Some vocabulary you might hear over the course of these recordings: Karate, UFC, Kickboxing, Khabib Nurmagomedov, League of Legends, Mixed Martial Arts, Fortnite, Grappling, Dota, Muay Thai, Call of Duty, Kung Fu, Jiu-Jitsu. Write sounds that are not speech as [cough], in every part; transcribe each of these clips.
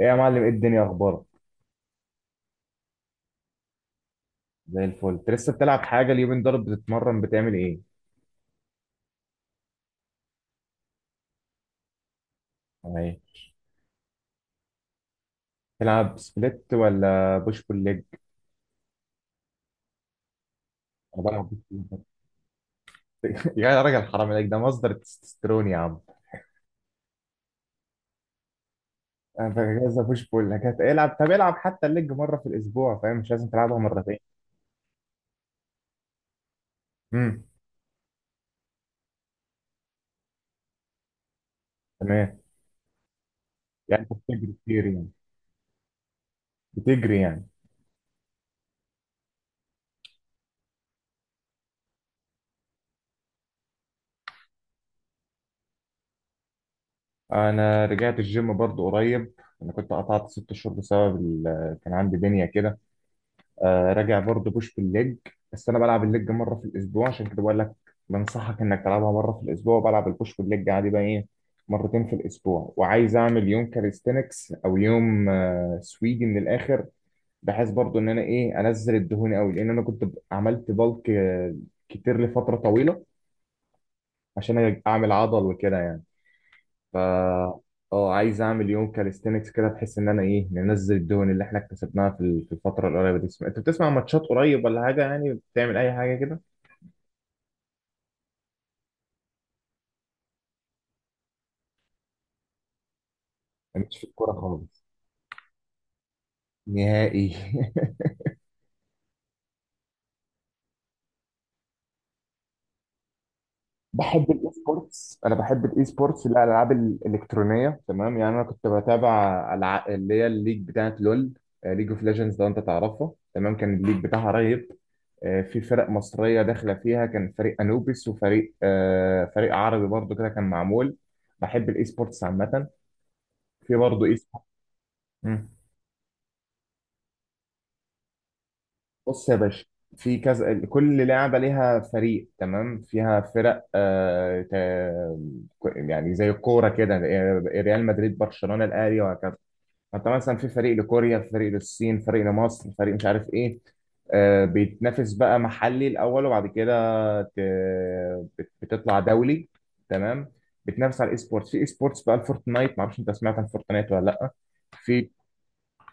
ايه يا معلم، ايه الدنيا، اخبارك؟ زي الفل. انت لسه بتلعب حاجه اليومين دول؟ بتتمرن، بتعمل ايه؟ ايه، تلعب سبليت ولا بوش بول ليج؟ انا بلعب بوش بول ليج. [laughs] يا راجل، حرام عليك، ده مصدر التستوستيرون يا عم. انا بجهز بوش بول ليج، العب. طب العب حتى الليج مره في الاسبوع، فاهم؟ مش لازم تلعبها مرتين. امم، تمام. يعني انت بتجري كتير يعني؟ بتجري يعني؟ انا رجعت الجيم برضو قريب. انا كنت قطعت ست شهور بسبب كان عندي دنيا كده. آه، راجع برضه بوش بالليج. بس انا بلعب الليج مره في الاسبوع، عشان كده بقول لك. بنصحك انك تلعبها مره في الاسبوع، وبلعب البوش بالليج عادي بقى، ايه، مرتين في الاسبوع، وعايز اعمل يوم كاليستنكس او يوم سويدي من الاخر. بحيث برضه ان انا ايه انزل الدهون قوي، لان انا كنت عملت بالك كتير لفتره طويله، عشان اعمل عضل وكده يعني. ف اه، عايز اعمل يوم كاليستينكس كده، بحيث ان انا ايه ننزل الدهون اللي احنا اكتسبناها في الفتره القريبه دي. انت بتسمع ماتشات قريب ولا حاجه يعني؟ بتعمل اي حاجه كده؟ مش في الكوره خالص نهائي. [laughs] بحب الاي سبورتس. انا بحب الاي سبورتس، الالعاب الالكترونيه تمام يعني. انا كنت بتابع اللي هي الليج بتاعت لول. ليج اوف ليجندز، لو انت تعرفها. تمام كان الليج بتاعها رهيب. في فرق مصريه داخله فيها، كان فريق انوبيس وفريق فريق عربي برضو كده كان معمول. بحب الاي سبورتس عامه، في برضو اي سبورتس. بص يا باشا، في كذا. كل لعبة ليها فريق، تمام، فيها فرق يعني زي الكورة كده، يعني ريال مدريد، برشلونة، الأهلي، وهكذا. فأنت مثلا في فريق لكوريا، فريق للصين، فريق لمصر، فريق مش عارف إيه. آه، بيتنافس بقى محلي الأول، وبعد كده ت- بتطلع دولي. تمام، بتنافس على الاي سبورتس. في اي سبورتس بقى الفورتنايت، معرفش انت سمعت عن فورتنايت ولا لا. في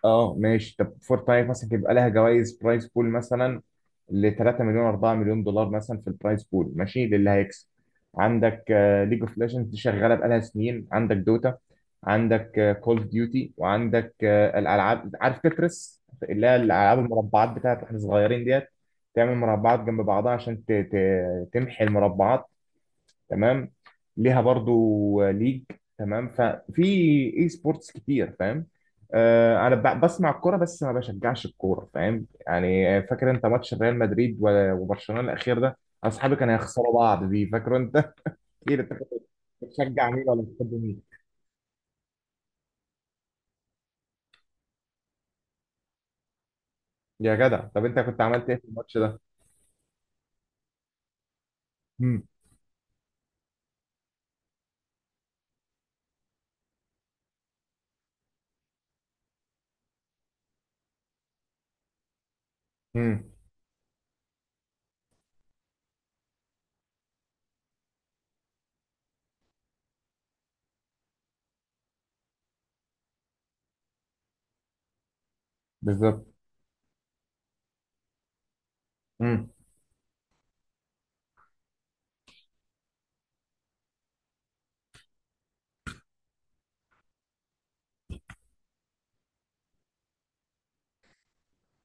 اه ماشي. طب فور تايم مثلا يبقى لها جوائز، برايز بول مثلا ل 3 مليون 4 مليون دولار مثلا في البرايز بول، ماشي للي هيكسب. عندك ليج اوف ليجندز دي شغاله بقالها سنين، عندك دوتا. عندك كول اوف ديوتي، وعندك الالعاب، عارف تترس اللي هي الالعاب المربعات بتاعت واحنا صغيرين، ديت. تعمل مربعات جنب بعضها عشان تمحي المربعات. تمام، ليها برضو ليج. تمام ففي اي سبورتس كتير، فاهم؟ آه، انا بسمع الكوره بس ما بشجعش الكوره، فاهم يعني. فاكر انت ماتش ريال مدريد و- وبرشلونه الاخير ده؟ اصحابي كانوا يخسروا بعض بيه، فاكر انت؟ [laughs] اكيد انت كنت بتشجع مين ولا بتحب مين؟ يا جدع، طب انت كنت عملت ايه في الماتش ده؟ امم. امم. بالظبط. امم.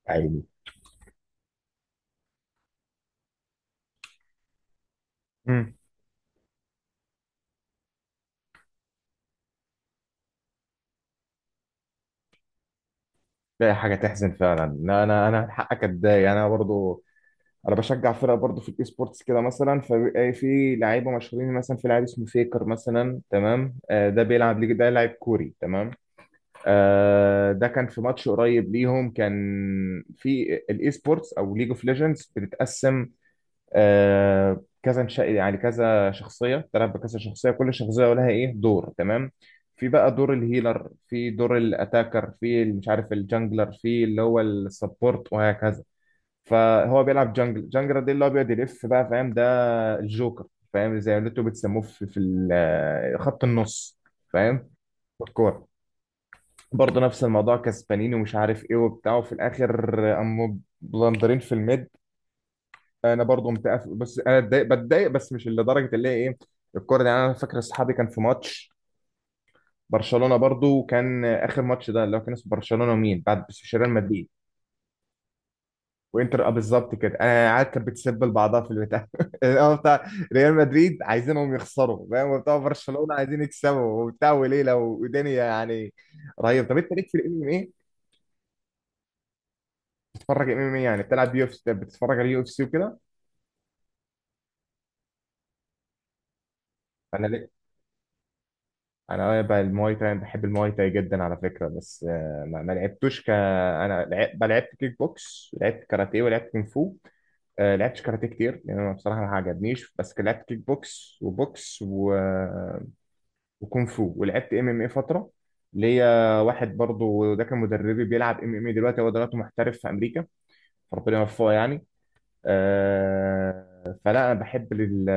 عيني. امم. ده حاجه تحزن فعلا، لا، انا حقك اتضايق، انا برضو. انا بشجع فرقه برضو في الاي سبورتس كده. مثلا فبيبقى في لعيبه مشهورين، مثلا في لاعب اسمه فيكر مثلا، تمام؟ آه ده بيلعب ليج، ده لاعب كوري، تمام. آه، ده كان في ماتش قريب ليهم، كان في الاي سبورتس او ليج اوف ليجندز بتتقسم. آه كذا نشأ، يعني كذا شخصيه بتلعب بكذا شخصيه، كل شخصيه لها ايه دور، تمام. في بقى دور الهيلر، في دور الاتاكر، في اللي مش عارف الجانجلر، في اللي هو السبورت وهكذا. فهو بيلعب جانجل، جانجل ده اللي هو بيقعد يلف بقى، فاهم؟ ده الجوكر. فاهم، زي اللي انتوا بتسموه في خط النص، فاهم؟ بالكوره. برضه نفس الموضوع، كسبانين ومش عارف ايه وبتاع، وفي الاخر قاموا بلندرين في الميد. انا برضه متقف بس انا اتضايق، بتضايق، بس مش لدرجه اللي هي ايه، الكوره دي يعني. انا فاكر اصحابي كان في ماتش. برشلونه برضه، وكان اخر ماتش ده اللي هو كان اسمه برشلونه ومين بعد، بس مش ريال مدريد. وانتر، اه، بالظبط كده. انا قاعد كانت بتسب بعضها في البتاع. [laughs] الأول بتاع ريال مدريد عايزينهم يخسروا، فاهم، وبتاع برشلونه عايزين يكسبوا وبتاع، وليله ودنيا يعني. رهيب. طب انت ليك في الام ام ايه؟ بتتفرج ام ام ايه يعني؟ بتلعب يو اف سي، بتتفرج على يو اف سي وكده. انا ليه؟ انا بقى المواي تاي، أنا بحب المواي تاي جدا على فكره، بس ما لعبتوش. انا لعبت كيك بوكس، لعبت كاراتيه، ولعبت كونغ فو. لعبتش كاراتيه كتير لان انا بصراحه ما عجبنيش، بس كان لعبت كيك بوكس وبوكس و... وكونغ فو، ولعبت ام ام اي فتره. ليا واحد برضو ده كان مدربي، بيلعب ام ام اي دلوقتي، هو دلوقتي محترف في امريكا، ربنا يوفقه يعني. آه، فلا انا بحب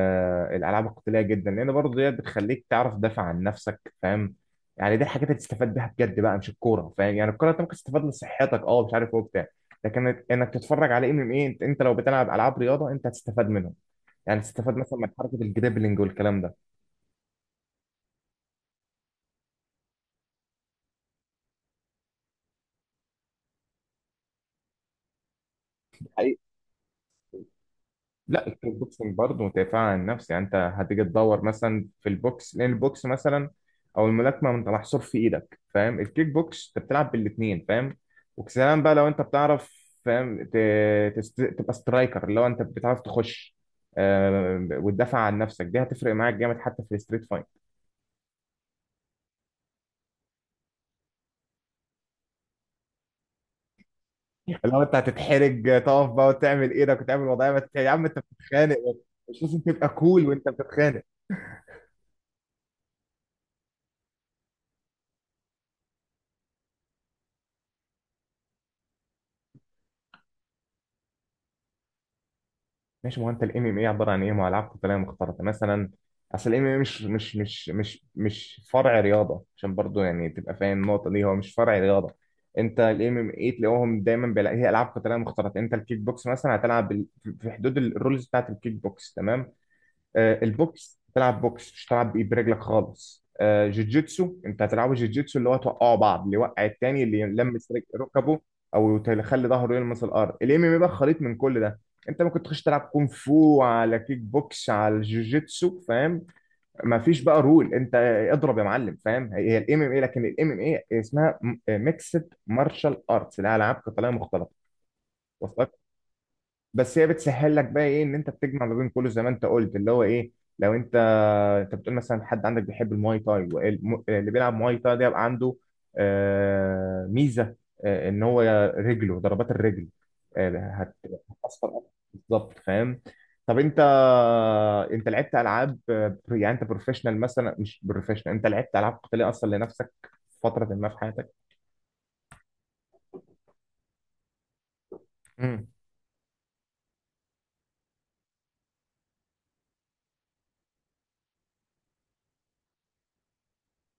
الالعاب القتاليه جدا، لان برضو دي بتخليك تعرف تدافع عن نفسك، فاهم. يعني دي الحاجات اللي تستفاد بيها بجد بقى، مش الكوره، فاهم يعني. الكوره انت ممكن تستفاد لصحتك، اه مش عارف ايه وبتاع. لكن انك تتفرج على ام ام اي، انت لو بتلعب العاب رياضه انت هتستفاد منهم. يعني تستفاد مثلا من حركه الجريبلينج والكلام ده. لا، الكيك بوكسنج برضه دفاع عن النفس يعني. انت هتيجي تدور مثلا في البوكس، لان البوكس مثلا، او الملاكمه انت محصور في ايدك، فاهم؟ الكيك بوكس انت بتلعب بالاثنين، فاهم. وكسلام بقى، لو انت بتعرف فاهم تبقى سترايكر اللي هو انت بتعرف تخش. وتدافع عن نفسك، دي هتفرق معاك جامد حتى في الستريت فايت. اللي هو انت هتتحرج تقف بقى وتعمل ايدك وتعمل وضعيه، ما يا عم انت بتتخانق. مش لازم تبقى كول وانت بتتخانق. ماشي، ما هو انت الام ام اي عباره عن ايه؟ ما هو العاب قتاليه مختلطه مثلا. اصل الام ام اي مش فرع رياضه، عشان برضو يعني تبقى فاهم النقطه دي، هو مش فرع رياضه. انت الام ام اي تلاقوهم دايما بيلاقي هي العاب قتاليه مختلطه. انت الكيك بوكس مثلا هتلعب في حدود الرولز بتاعت الكيك بوكس، تمام. البوكس تلعب بوكس، مش تلعب بايد برجلك خالص. جوجيتسو انت هتلعبه جوجيتسو، اللي هو توقعوا بعض، اللي يوقع التاني، اللي يلمس ركبه، او يخلي ظهره يلمس الارض. الام ام بقى خليط من كل ده. انت ممكن تخش تلعب كونغ فو، على كيك بوكس، على الجوجيتسو، فاهم. مفيش بقى رول، انت اضرب يا معلم، فاهم؟ هي الام ام اي، لكن الام ام اي اسمها ميكسد مارشال ارتس، اللي هي العاب قتاليه مختلطه. وصلت؟ بس هي بتسهل لك بقى ايه، ان انت بتجمع ما بين كله زي ما انت قلت، اللي هو ايه. لو انت بتقول مثلا، حد عندك بيحب المواي تاي اللي بيلعب مواي تاي ده يبقى عنده ميزه، ان هو رجله ضربات الرجل، آه، هت- هتاثر أكتر. بالظبط، فاهم. طب انت، انت لعبت العاب يعني انت بروفيشنال مثلا، مش بروفيشنال، انت لعبت العاب قتاليه اصلا لنفسك في فتره ما في حياتك؟ مم.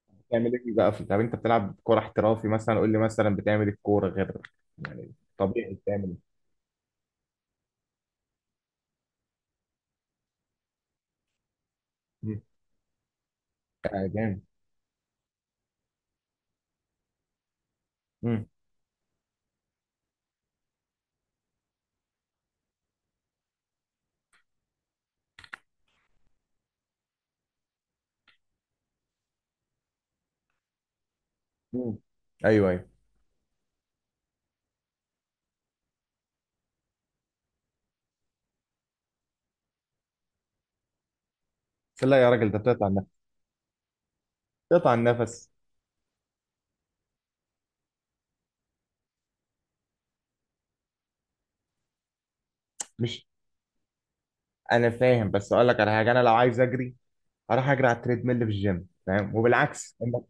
بتعمل ايه بقى؟ طب انت بتلعب كوره احترافي مثلا، قول لي مثلا بتعمل إيه الكوره غير يعني، طبيعي بتعمل إيه؟ مم. آه، جامد. مم. مم. ايوه، ايوه. لا يا راجل، ده بتقطع النفس. بتقطع النفس. مش انا فاهم، بس اقول لك على حاجه، انا لو عايز اجري اروح اجري على التريد ميل في الجيم، فاهم، وبالعكس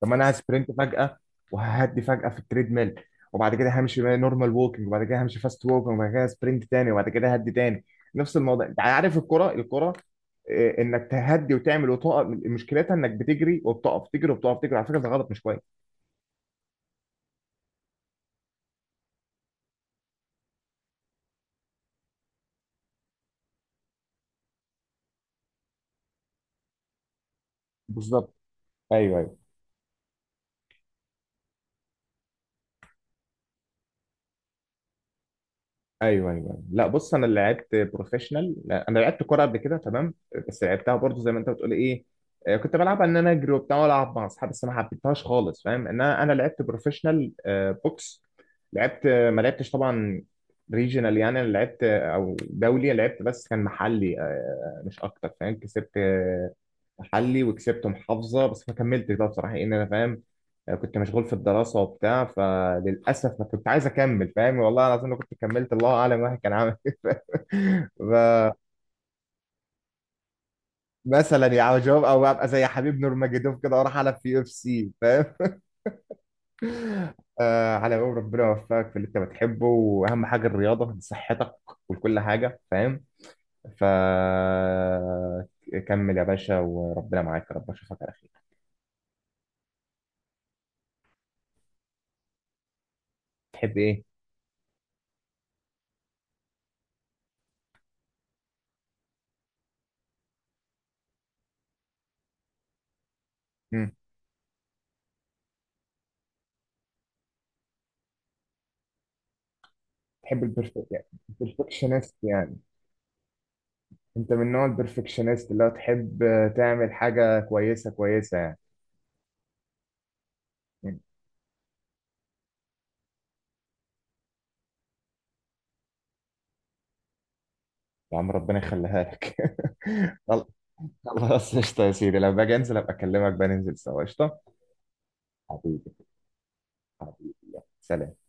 طب ما انا هسبرنت فجاه وههدي فجاه في التريد ميل، وبعد كده همشي نورمال ووكينج، وبعد كده همشي فاست ووكينج، وبعد كده سبرنت تاني، وبعد كده هدي تاني. نفس الموضوع، انت عارف الكره إيه، انك تهدي وتعمل وتقف، مشكلتها انك بتجري وبتقف، تجري وبتقف، تجري على فكره، ده غلط مش كويس. بالظبط، ايوه، ايوه، ايوه، ايوه، أيوة. لا بص، انا اللي لعبت بروفيشنال، لا، انا لعبت كوره قبل كده، تمام. بس لعبتها برضو زي ما انت بتقول، ايه، كنت بلعبها ان انا اجري وبتاع والعب مع اصحابي، بس ما حبيتهاش خالص، فاهم. ان انا لعبت بروفيشنال بوكس. لعبت ما لعبتش طبعا ريجيونال يعني، انا لعبت او دولي، لعبت بس كان محلي مش اكتر، فاهم. كسبت محلي وكسبت محافظة، بس ما كملتش بقى بصراحة إن أنا فاهم، كنت مشغول في الدراسة وبتاع، فللأسف ما كنت عايز أكمل، فاهم. والله العظيم لو كنت كملت الله أعلم واحد كان عامل إيه. [laughs] ف- مثلا يعني جواب، أو أبقى زي حبيب نورماجيدوف كده وأروح ألعب في يو اف سي، فاهم. آه على قول ربنا، يوفقك في اللي أنت بتحبه، وأهم حاجة الرياضة صحتك وكل حاجة، فاهم. فكمل يا باشا، وربنا معاك، يا رب أشوفك على خير. تحب إيه؟ تحب البرفكت يعني البرفكشنست يعني؟ انت من نوع البرفكشنست، اللي هو تحب تعمل حاجة كويسة كويسة يعني يا عم ربنا يخليها لك. [laughs] خل- خلاص قشطة يا سيدي، لما باجي انزل ابقى اكلمك، بقى ننزل سوا، قشطة. حبيبي، حبيبي يلا. سلام.